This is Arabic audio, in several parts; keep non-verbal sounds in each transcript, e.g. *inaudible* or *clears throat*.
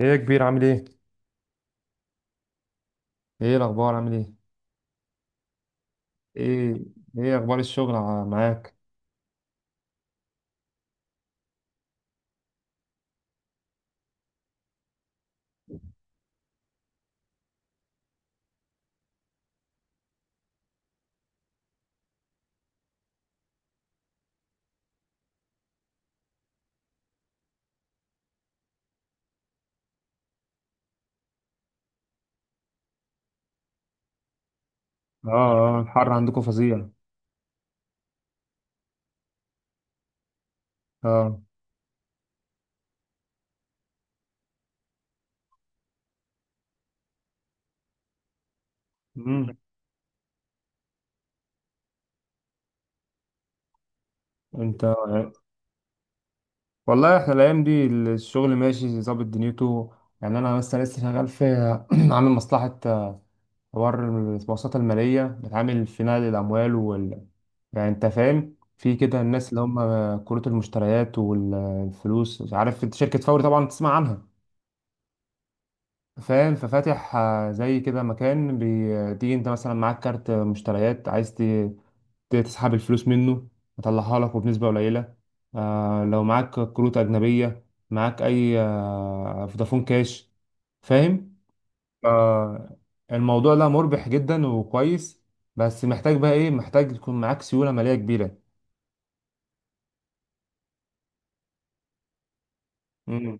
ايه يا كبير، عامل ايه؟ ايه الاخبار، عامل ايه؟ ايه. ايه اخبار الشغل معاك؟ اه. اه، الحر عندكم فظيع. اه. امم. انت، والله احنا الايام دي الشغل ماشي ظابط دنيته. يعني انا مثلا لسه شغال في *clears throat* عامل مصلحة، حوار المؤسسات المالية بتعامل في نقل الاموال وال، يعني انت فاهم في كده، الناس اللي هم كروت المشتريات والفلوس. مش عارف، انت شركة فوري طبعا تسمع عنها. فاهم؟ ففاتح زي كده مكان، بتيجي انت مثلا معاك كارت مشتريات عايز تسحب الفلوس منه، يطلعها لك وبنسبة قليلة. لو معاك كروت أجنبية، معاك أي فودافون كاش. فاهم؟ آه، الموضوع ده مربح جدا وكويس، بس محتاج بقى إيه، محتاج تكون معاك سيولة مالية كبيرة. مم.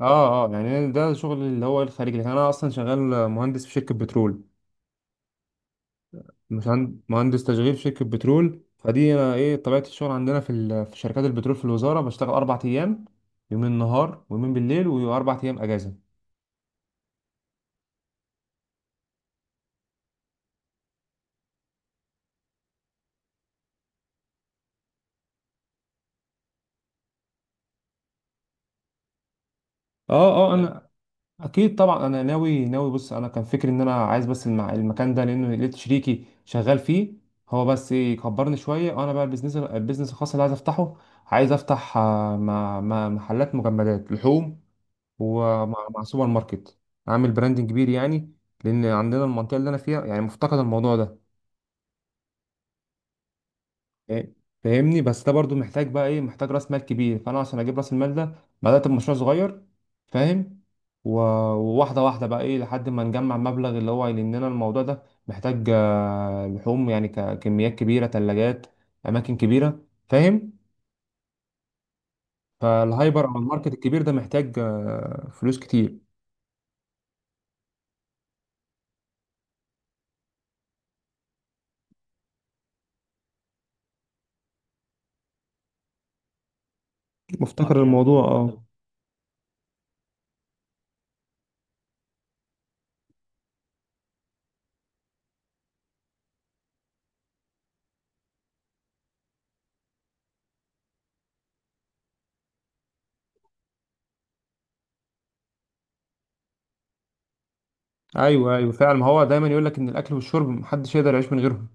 اه اه، يعني ده شغل اللي هو الخارجي، لكن انا اصلا شغال مهندس في شركة بترول. مساعد- مهندس تشغيل في شركة بترول، فدي أنا إيه طبيعة الشغل عندنا في في شركات البترول في الوزارة. بشتغل أربع أيام، يومين نهار ويومين بالليل، وأربع أيام أجازة. أه أه تمام. أنا أكيد طبعا أنا ناوي ناوي. بص، أنا كان فكري إن أنا عايز بس المكان ده لأنه لقيت شريكي شغال فيه، هو بس إيه يكبرني شوية. وأنا بقى البيزنس، البيزنس الخاص اللي عايز أفتحه، عايز أفتح مع محلات مجمدات لحوم، ومع سوبر ماركت، عامل براندنج كبير يعني، لان عندنا المنطقه اللي انا فيها يعني مفتقد الموضوع ده. إيه، فاهمني؟ بس ده برضو محتاج بقى ايه، محتاج راس مال كبير. فانا عشان اجيب راس المال ده، بدات بمشروع صغير. فاهم؟ و- وواحده واحده بقى ايه، لحد ما نجمع مبلغ، اللي هو لاننا الموضوع ده محتاج لحوم يعني كميات كبيره، ثلاجات، اماكن كبيره. فاهم؟ فالهايبر او الماركت الكبير ده محتاج فلوس كتير. مفتقر الموضوع، اه. ايوه ايوه، فعلا. ما هو دايما يقول لك ان الاكل والشرب محدش يقدر يعيش من غيرهم.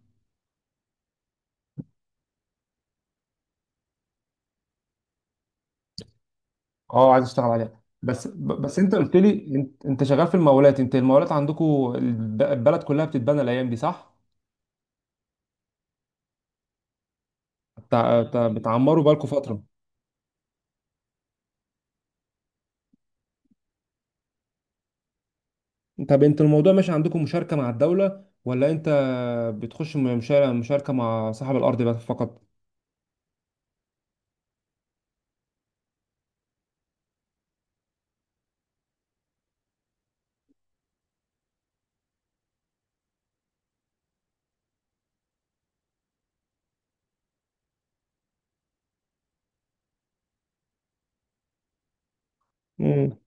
اه، عايز اشتغل عليها. بس بس انت قلت لي انت شغال في المقاولات. انت المقاولات عندكم البلد كلها بتتبنى الايام دي، صح؟ بتعمروا بقالكم فتره. طب انت الموضوع ماشي عندكم، مشاركه مع الدوله، ولا انت بتخش مشاركه مع صاحب الارض بس فقط؟ امم.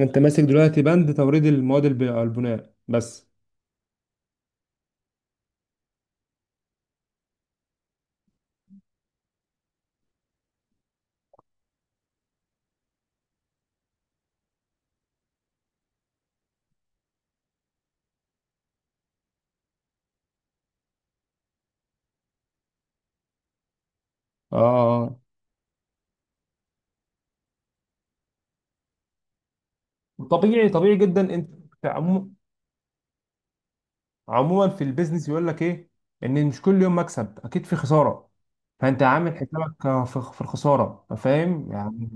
انت ماسك دلوقتي بند توريد المواد البناء بس؟ اه. طبيعي، طبيعي جدا. انت عموما في البيزنس يقول لك ايه، ان مش كل يوم مكسب، اكيد في خساره. فانت عامل حسابك في الخساره، فاهم يعني.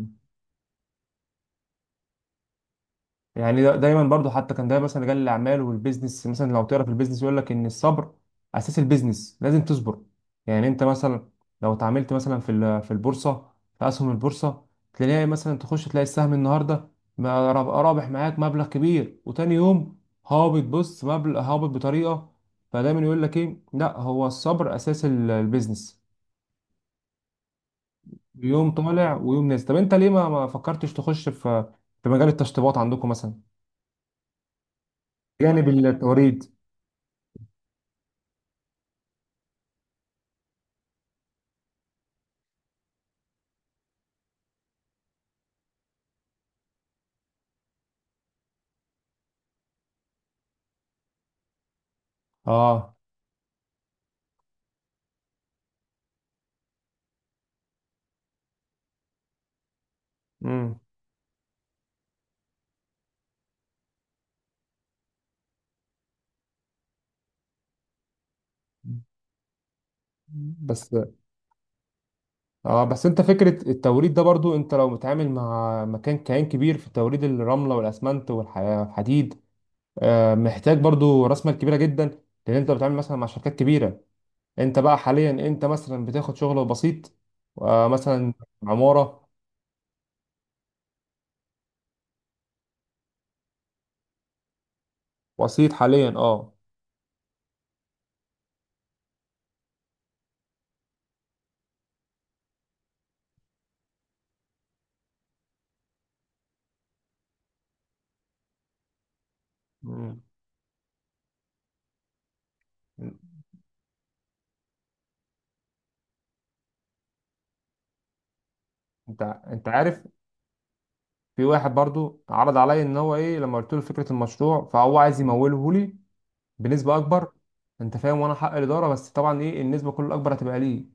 يعني دايما برضو، حتى كان ده مثلا رجال الاعمال والبيزنس، مثلا لو تعرف البيزنس يقول لك ان الصبر اساس البيزنس، لازم تصبر. يعني انت مثلا لو اتعاملت مثلا في في البورصه، في اسهم البورصه، تلاقي مثلا تخش تلاقي السهم النهارده رابح معاك مبلغ كبير، وتاني يوم هابط. بص، مبلغ هابط بطريقه. فدايما يقول لك ايه، لا هو الصبر اساس البيزنس، يوم طالع ويوم نازل. طب انت ليه ما فكرتش تخش في مجال التشطيبات عندكم مثلا، جانب التوريد؟ اه. امم. بس اه، بس انت فكرة التوريد ده برضو، انت لو متعامل مع مكان كيان كبير في توريد الرملة والاسمنت والحديد، آه محتاج برضو راس مال كبيرة جدا، لان انت بتتعامل مثلا مع شركات كبيرة. انت بقى حاليا انت مثلا بتاخد شغل بسيط، آه مثلا عمارة. بسيط حاليا، اه. امم. انت عارف، في واحد برضو عرض عليا ان هو ايه، لما قلت له فكرة المشروع فهو عايز يموله لي بنسبه اكبر، انت فاهم، وانا حق الاداره. بس طبعا ايه، النسبه كل الاكبر هتبقى ليه.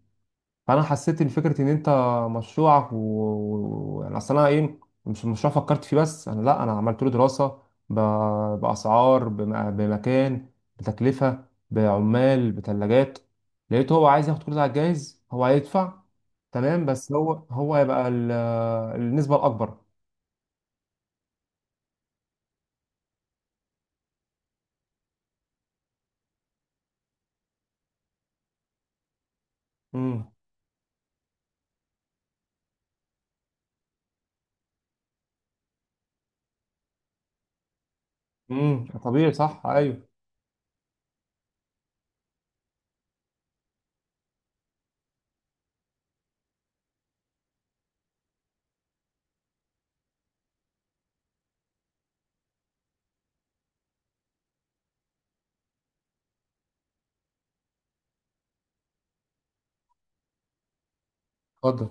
فانا حسيت ان فكره ان انت مشروعك و… و… يعني اصل انا ايه، مش مشروع فكرت فيه، بس انا لا انا عملت له دراسه، ب… باسعار، بمكان، بتكلفه، بعمال، بثلاجات. لقيته هو عايز ياخد كل ده على الجاهز. هو هيدفع تمام، بس هو هيبقى النسبه الاكبر. امم. امم، طبيعي، صح، ايوه. اتفضل.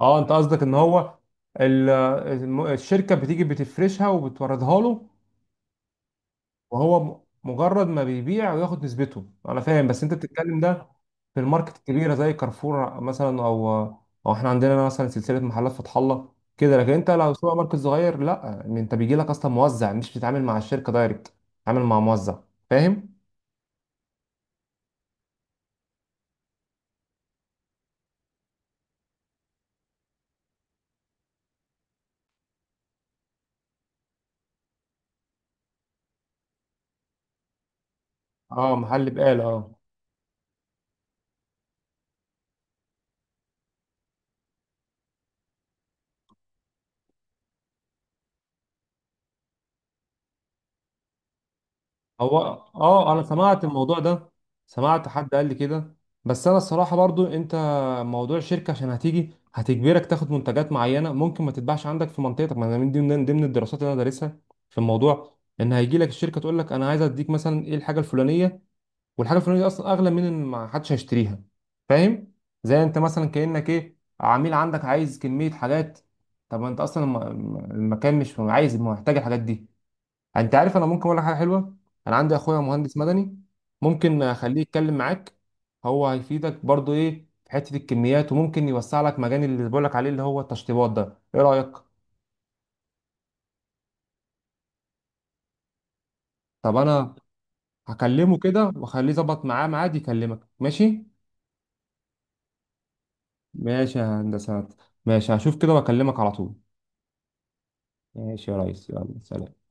اه، انت قصدك ان هو الشركه بتيجي بتفرشها وبتوردها له، وهو مجرد ما بيبيع وياخد نسبته. انا فاهم، بس انت بتتكلم ده في الماركت الكبيره زي كارفور مثلا، او او احنا عندنا مثلا سلسله محلات فتح الله كده. لكن انت لو سوبر ماركت صغير، لا، إن انت بيجي لك اصلا موزع، مش بتتعامل مع الشركه دايركت، بتتعامل مع موزع. فاهم؟ اه، محل بقال، اه. هو اه، انا سمعت الموضوع ده، سمعت حد قال لي كده. بس انا الصراحه برضو، انت موضوع الشركه عشان هتيجي هتجبرك تاخد منتجات معينه ممكن ما تتباعش عندك في منطقتك. ما انا من ضمن الدراسات اللي انا دارسها في الموضوع، ان هيجي لك الشركه تقول لك انا عايز اديك مثلا ايه الحاجه الفلانيه، والحاجه الفلانيه دي اصلا اغلى من ان ما حدش هيشتريها. فاهم؟ زي انت مثلا كانك ايه، عميل عندك عايز كميه حاجات، طب ما انت اصلا المكان مش عايز، محتاج الحاجات دي. انت عارف، انا ممكن اقول لك حاجه حلوه. انا عندي اخويا مهندس مدني، ممكن اخليه يتكلم معاك. هو هيفيدك برضو ايه في حته الكميات، وممكن يوسع لك مجال اللي بقول لك عليه اللي هو التشطيبات ده. ايه رايك؟ طب انا هكلمه كده واخليه يظبط معاه ميعاد يكلمك، ماشي؟ ماشي يا هندسه، ماشي. هشوف كده واكلمك على طول. ماشي يا ريس، يلا سلام.